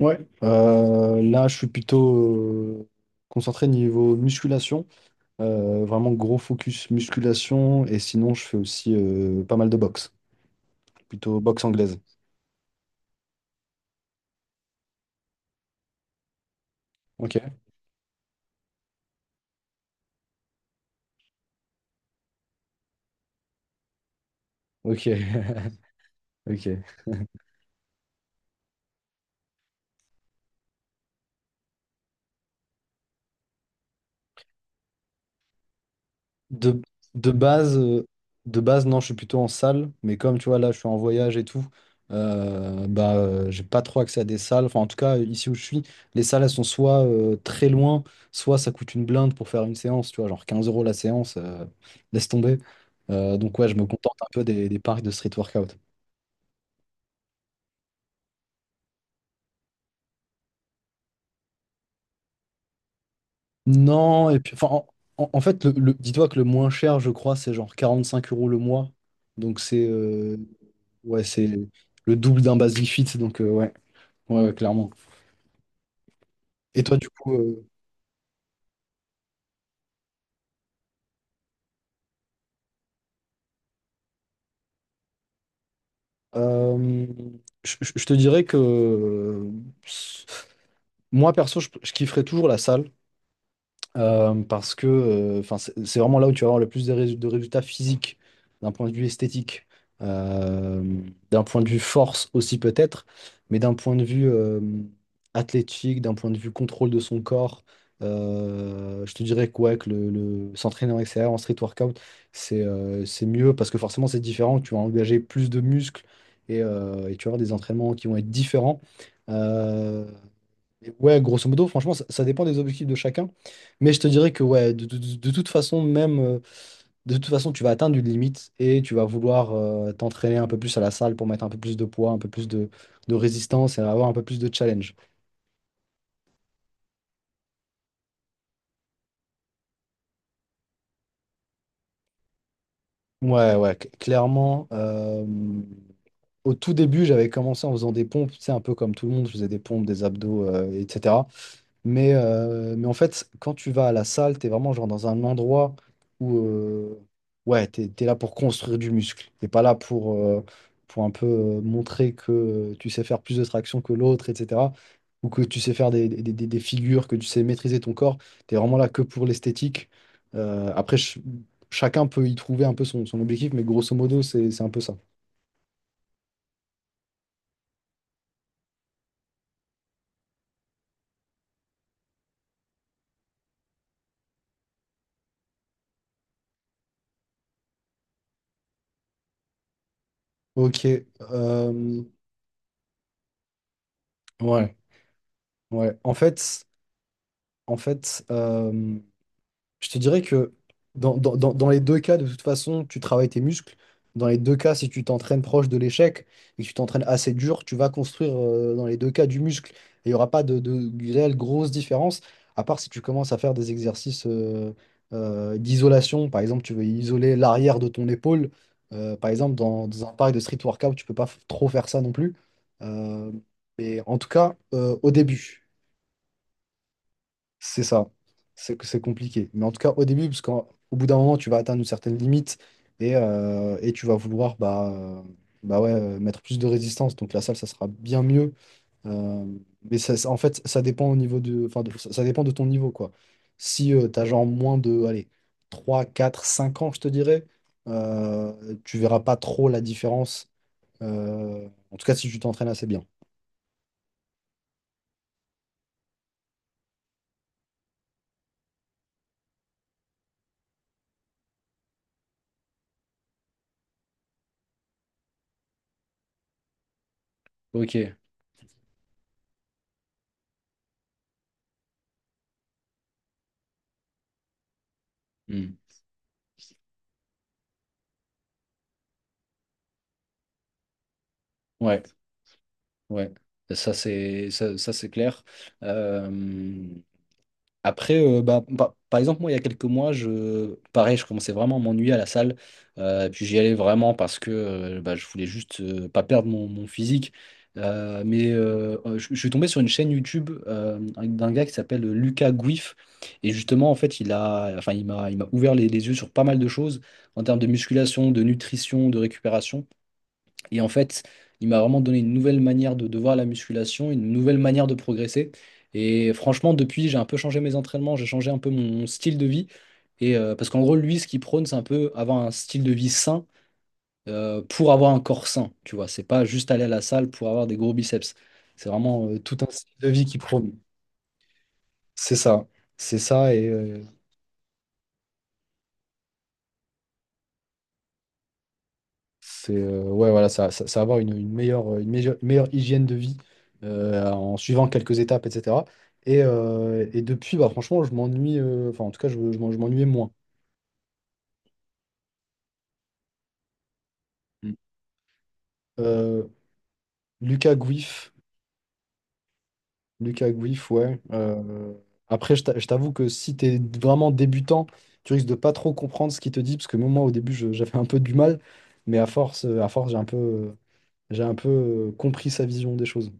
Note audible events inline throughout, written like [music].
Ouais, là je suis plutôt euh, concentré niveau musculation. Vraiment gros focus musculation, et sinon je fais aussi pas mal de boxe, plutôt boxe anglaise. Ok, ok, [laughs] ok. De, de base, euh, de base, non, je suis plutôt en salle, mais comme tu vois, là, je suis en voyage et tout, j'ai pas trop accès à des salles. Enfin, en tout cas, ici où je suis, les salles, elles sont soit très loin, soit ça coûte une blinde pour faire une séance, tu vois, genre 15 euros la séance. Laisse tomber. Donc, ouais, je me contente un peu des parcs de street workout. Non, et puis, en fait, dis-toi que le moins cher, je crois, c'est genre 45 euros le mois. Donc, c'est, ouais, c'est le double d'un Basic Fit, donc, ouais. Ouais, ouais, clairement. Et toi, du coup, euh, je te dirais que moi, perso, je kifferais toujours la salle. Parce que enfin, c'est vraiment là où tu vas avoir le plus de de résultats physiques, d'un point de vue esthétique, euh, d'un point de vue force aussi peut-être, mais d'un point de vue athlétique, d'un point de vue contrôle de son corps. Je te dirais que, ouais, que s'entraîner en extérieur, en street workout, c'est mieux parce que forcément c'est différent, tu vas engager plus de muscles et tu vas avoir des entraînements qui vont être différents. Euh, et ouais, grosso modo, franchement, ça dépend des objectifs de chacun. Mais je te dirais que ouais, de toute façon, même de toute façon, tu vas atteindre une limite et tu vas vouloir t'entraîner un peu plus à la salle pour mettre un peu plus de poids, un peu plus de résistance et avoir un peu plus de challenge. Ouais, ouais, clairement. Au tout début, j'avais commencé en faisant des pompes, tu sais, un peu comme tout le monde, je faisais des pompes, des abdos, etc. Mais en fait, quand tu vas à la salle, tu es vraiment genre dans un endroit où ouais, tu es là pour construire du muscle. Tu pas là pour un peu montrer que tu sais faire plus de traction que l'autre, etc. Ou que tu sais faire des des figures, que tu sais maîtriser ton corps. Tu es vraiment là que pour l'esthétique. Euh, après, ch- Chacun peut y trouver un peu son, son objectif, mais grosso modo, c'est un peu ça. Ok. euh, ouais, ouais. En fait, en fait. Je te dirais que dans les deux cas, de toute façon, tu travailles tes muscles. Dans les deux cas, si tu t'entraînes proche de l'échec et que tu t'entraînes assez dur, tu vas construire dans les deux cas du muscle. Et il n'y aura pas de réelle grosse différence, à part si tu commences à faire des exercices d'isolation. Par exemple, tu veux isoler l'arrière de ton épaule. Par exemple, dans un pareil de street workout, tu peux pas trop faire ça non plus. Euh, mais en tout cas, au début. C'est ça. C'est compliqué. Mais en tout cas, au début, parce qu'au bout d'un moment, tu vas atteindre une certaine limite et tu vas vouloir ouais, mettre plus de résistance. Donc la salle, ça sera bien mieux. Euh, En fait, ça dépend au niveau de, enfin, ça dépend de ton niveau, quoi. Si tu as genre moins de, allez, 3 4 5 ans, je te dirais, tu verras pas trop la différence. En tout cas, si tu t'entraînes assez bien. Ok. Hmm. Ouais, ouais, ça, c'est clair. Euh, Par exemple, moi il y a quelques mois, je pareil, je commençais vraiment à m'ennuyer à la salle. Et puis j'y allais vraiment parce que je voulais juste pas perdre mon physique. Je suis tombé sur une chaîne YouTube d'un gars qui s'appelle Lucas Gouif. Et justement, en fait, il a, enfin, il m'a ouvert les yeux sur pas mal de choses en termes de musculation, de nutrition, de récupération. Et en fait, il m'a vraiment donné une nouvelle manière de voir la musculation, une nouvelle manière de progresser. Et franchement, depuis, j'ai un peu changé mes entraînements, j'ai changé un peu mon style de vie. Et parce qu'en gros, lui, ce qu'il prône, c'est un peu avoir un style de vie sain pour avoir un corps sain. Tu vois, c'est pas juste aller à la salle pour avoir des gros biceps. C'est vraiment tout un style de vie qu'il prône. C'est ça, c'est ça. Et C'est Ouais, voilà, ça va avoir une meilleure, meilleure hygiène de vie en suivant quelques étapes, etc. Et depuis, bah, franchement, en tout cas, je m'ennuyais moins. Mm. Euh, Lucas Gouif, Lucas Gouif, ouais. Je t'avoue que si tu es vraiment débutant, tu risques de pas trop comprendre ce qu'il te dit, parce que même moi, au début, j'avais un peu du mal, mais à force, j'ai un peu compris sa vision des choses.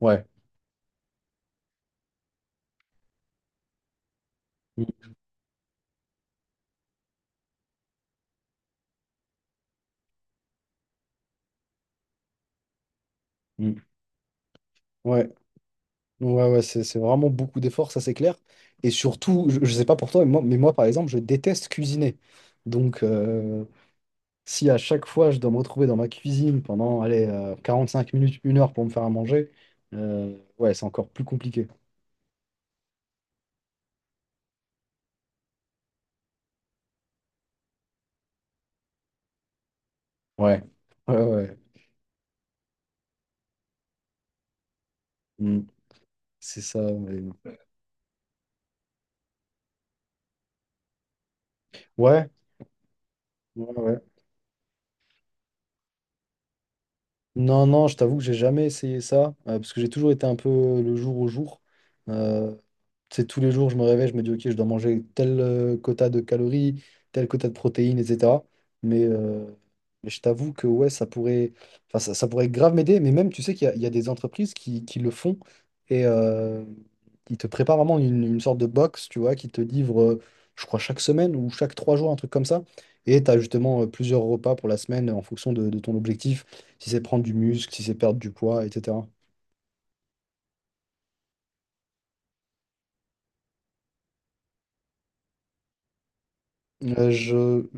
Ouais. Mm, mm. Ouais. Ouais, ouais, c'est vraiment beaucoup d'efforts, ça c'est clair. Et surtout, je sais pas pour toi, mais moi, par exemple, je déteste cuisiner. Donc, euh, Si à chaque fois je dois me retrouver dans ma cuisine pendant, allez, 5 minutes, 1 heure pour me faire à manger, ouais, c'est encore plus compliqué. Ouais, ouais, ouais. Mm. C'est ça. Ouais, ouais. Ouais, ouais. Non, non, je t'avoue que j'ai jamais essayé ça, parce que j'ai toujours été un peu le jour au jour. Euh, Tu tous les jours, je me réveille, je me dis, OK, je dois manger tel quota de calories, tel quota de protéines, etc. Mais, euh, mais je t'avoue que ouais, ça pourrait grave m'aider. Mais même, tu sais qu'il y a, il y a des entreprises qui le font et ils te préparent vraiment une sorte de box, tu vois, qui te livre, je crois, chaque semaine ou chaque 3 jours, un truc comme ça. Et tu as justement plusieurs repas pour la semaine en fonction de ton objectif, si c'est prendre du muscle, si c'est perdre du poids, etc. Euh, je...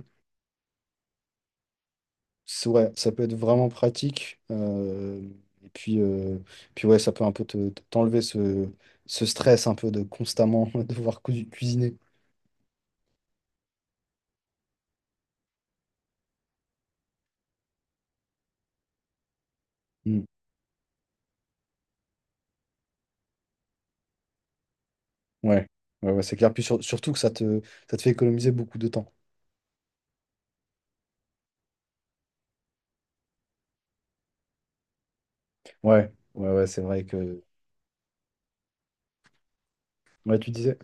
Ouais, ça peut être vraiment pratique. Et puis, euh, Puis ouais, ça peut un peu t'enlever ce stress un peu de constamment [laughs] devoir cuisiner. Mm. Ouais, ouais, ouais, c'est clair. Puis surtout que ça te fait économiser beaucoup de temps. Ouais, ouais, ouais, c'est vrai que. Ouais, tu disais.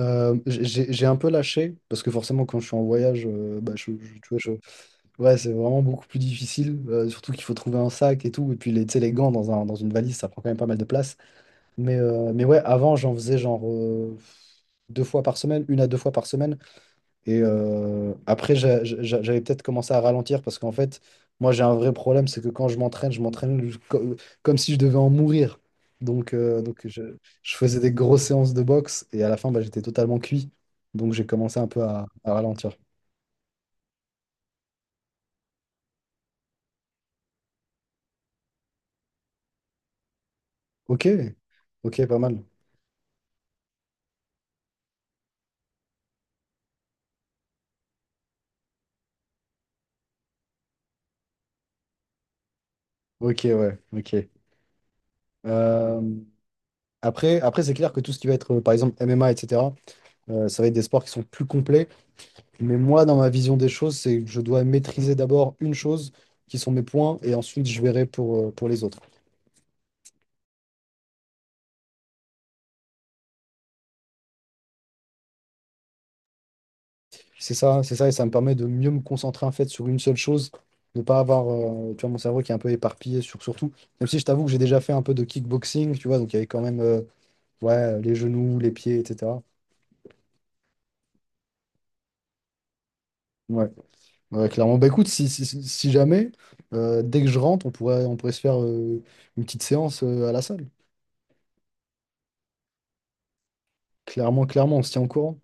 J'ai un peu lâché, parce que forcément, quand je suis en voyage, tu vois, ouais, c'est vraiment beaucoup plus difficile, surtout qu'il faut trouver un sac et tout, et puis les, tu sais, les gants dans un, dans une valise, ça prend quand même pas mal de place. Mais ouais, avant, j'en faisais genre 2 fois par semaine, 1 à 2 fois par semaine. Et après, j'avais peut-être commencé à ralentir parce qu'en fait, moi, j'ai un vrai problème, c'est que quand je m'entraîne comme si je devais en mourir. Donc, euh, donc je, je faisais des grosses séances de boxe et à la fin, bah, j'étais totalement cuit. Donc, j'ai commencé un peu à ralentir. Ok, ok, pas mal. Ok, ouais, ok. Euh, Après c'est clair que tout ce qui va être, par exemple, MMA, etc., ça va être des sports qui sont plus complets. Mais moi, dans ma vision des choses, c'est que je dois maîtriser d'abord une chose, qui sont mes points, et ensuite je verrai pour les autres. C'est ça, et ça me permet de mieux me concentrer en fait sur une seule chose, de pas avoir, tu vois, mon cerveau qui est un peu éparpillé sur surtout. Même si je t'avoue que j'ai déjà fait un peu de kickboxing, tu vois, donc il y avait quand même, ouais, les genoux, les pieds, etc. Ouais. Ouais, clairement. Bah écoute, si jamais, dès que je rentre, on pourrait se faire une petite séance à la salle. Clairement, clairement, on se tient au courant.